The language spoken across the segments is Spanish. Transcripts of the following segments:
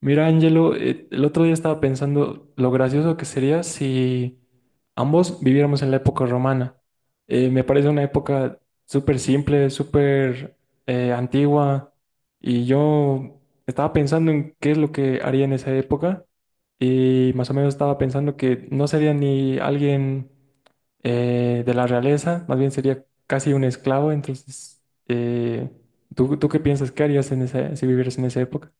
Mira, Angelo, el otro día estaba pensando lo gracioso que sería si ambos viviéramos en la época romana. Me parece una época súper simple, súper antigua, y yo estaba pensando en qué es lo que haría en esa época, y más o menos estaba pensando que no sería ni alguien de la realeza, más bien sería casi un esclavo. Entonces, eh, ¿Tú qué piensas que harías en esa, si vivieras en esa época?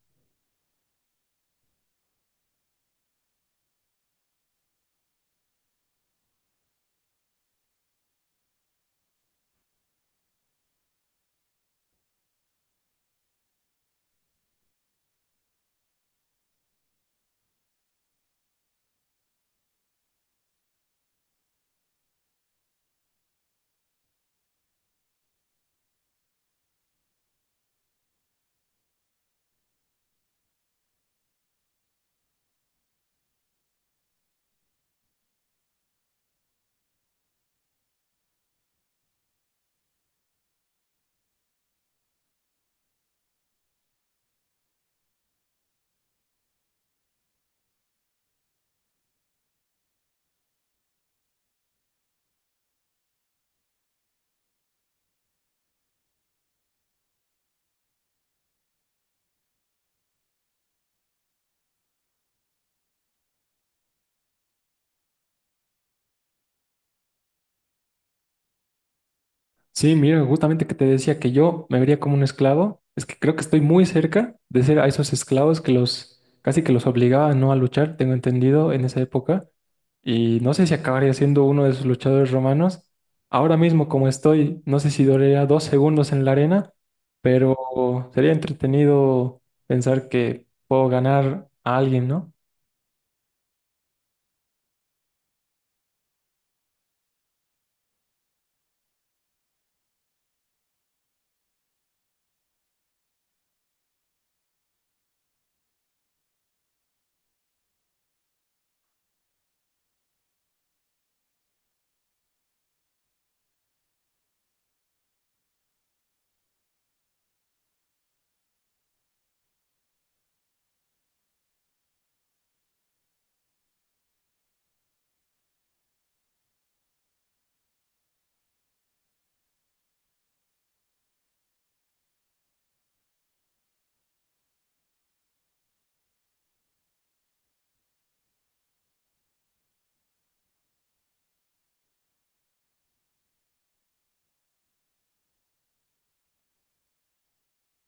Sí, mira, justamente que te decía que yo me vería como un esclavo, es que creo que estoy muy cerca de ser a esos esclavos que los casi que los obligaban no a luchar, tengo entendido en esa época, y no sé si acabaría siendo uno de esos luchadores romanos. Ahora mismo como estoy, no sé si duraría dos segundos en la arena, pero sería entretenido pensar que puedo ganar a alguien, ¿no?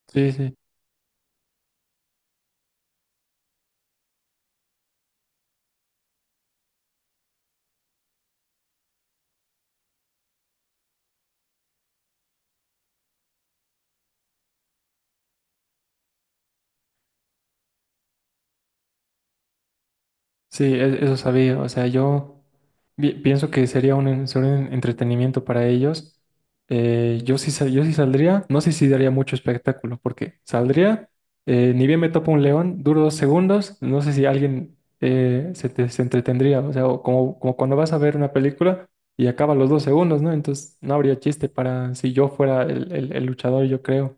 Sí, sí. Sí, eso sabía. O sea, yo pienso que sería un, sería un entretenimiento para ellos. Yo sí, yo sí saldría, no sé si daría mucho espectáculo, porque saldría, ni bien me topo un león, duro dos segundos, no sé si alguien se entretendría. O sea, o como, como cuando vas a ver una película y acaba los dos segundos, ¿no? Entonces no habría chiste para si yo fuera el, el luchador, yo creo.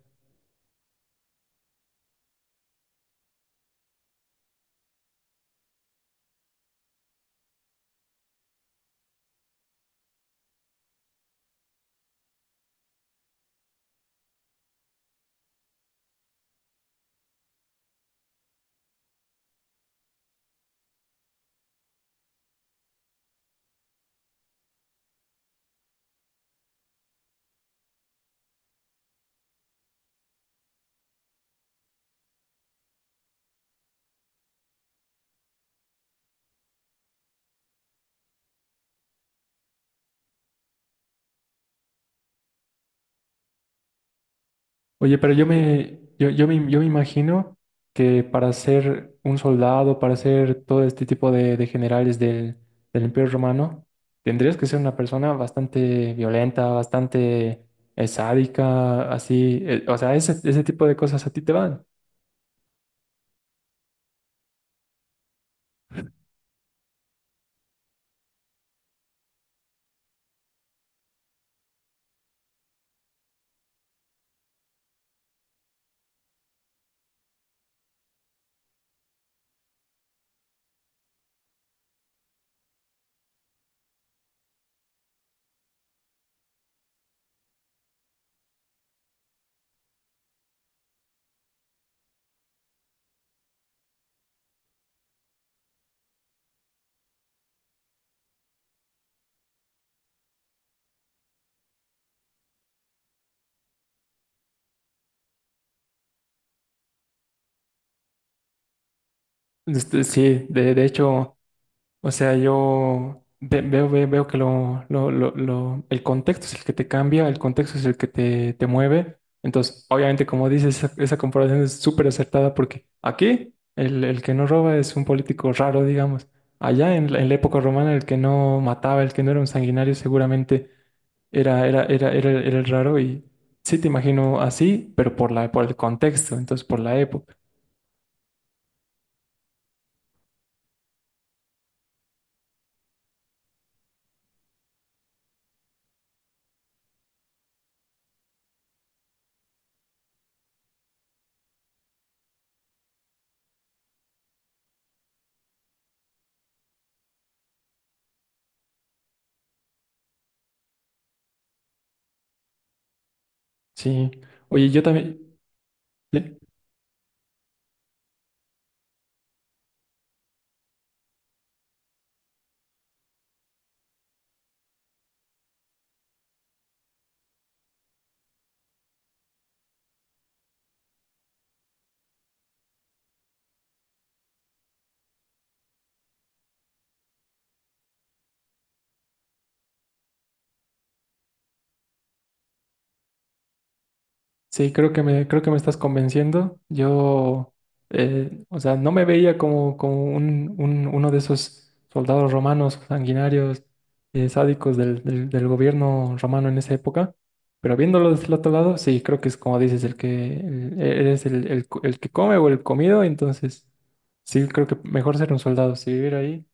Oye, pero yo me imagino que para ser un soldado, para ser todo este tipo de generales del, del Imperio Romano, tendrías que ser una persona bastante violenta, bastante sádica, así. O sea, ese tipo de cosas a ti te van. Este, sí, de hecho. O sea, yo veo, veo, que lo, el contexto es el que te cambia, el contexto es el que te mueve. Entonces, obviamente, como dices, esa comparación es súper acertada porque aquí el que no roba es un político raro, digamos. Allá en la época romana, el que no mataba, el que no era un sanguinario, seguramente era, era el raro. Y sí te imagino así, pero por la, por el contexto, entonces por la época. Sí. Oye, yo también. ¿Sí? Sí, creo que me estás convenciendo. Yo, o sea, no me veía como, como un, uno de esos soldados romanos sanguinarios, sádicos del, del gobierno romano en esa época. Pero viéndolo desde el otro lado, sí, creo que es como dices, el que eres el, el que come o el comido, entonces sí, creo que mejor ser un soldado. Si vivir ahí,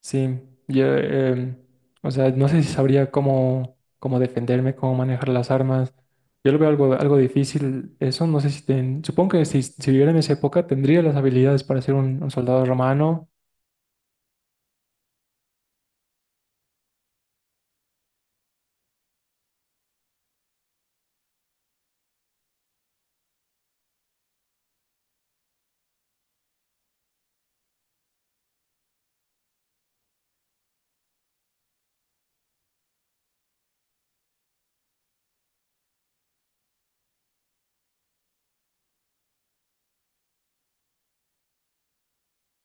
sí, yo, o sea, no sé si sabría cómo, cómo defenderme, cómo manejar las armas. Yo lo veo algo, algo difícil. Eso no sé si supongo que si, si viviera en esa época tendría las habilidades para ser un soldado romano.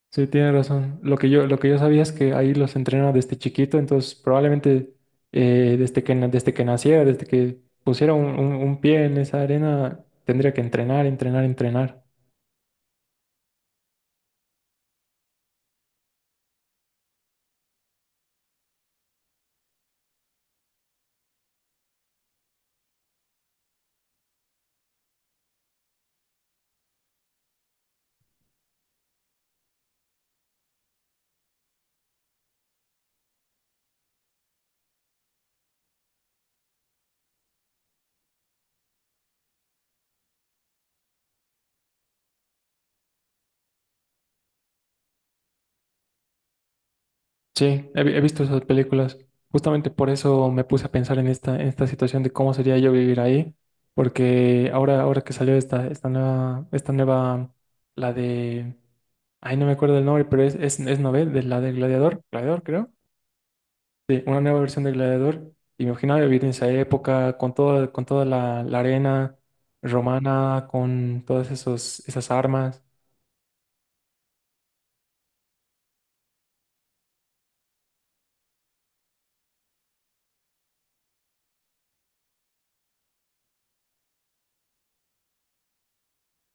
Sí, tiene razón. Lo que yo sabía es que ahí los entrena desde chiquito, entonces probablemente desde que, desde que naciera, desde que pusiera un, un pie en esa arena, tendría que entrenar, entrenar, entrenar. Sí, he, he visto esas películas. Justamente por eso me puse a pensar en esta situación de cómo sería yo vivir ahí, porque ahora, ahora que salió esta, esta nueva, la de, ay, no me acuerdo el nombre, pero es novel, de la de Gladiador, Gladiador creo. Sí, una nueva versión de Gladiador. Y me imaginaba vivir en esa época con todo, con toda la, la arena romana, con todas esos, esas armas.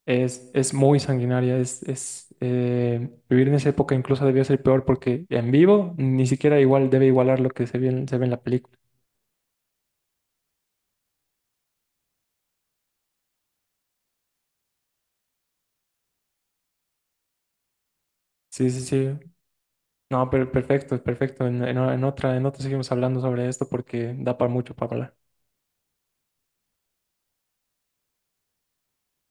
Es muy sanguinaria, es, vivir en esa época incluso debió ser peor porque en vivo ni siquiera igual debe igualar lo que se ve en la película. Sí, sí, sí. No, pero perfecto, perfecto. En, en otra seguimos hablando sobre esto porque da para mucho para hablar.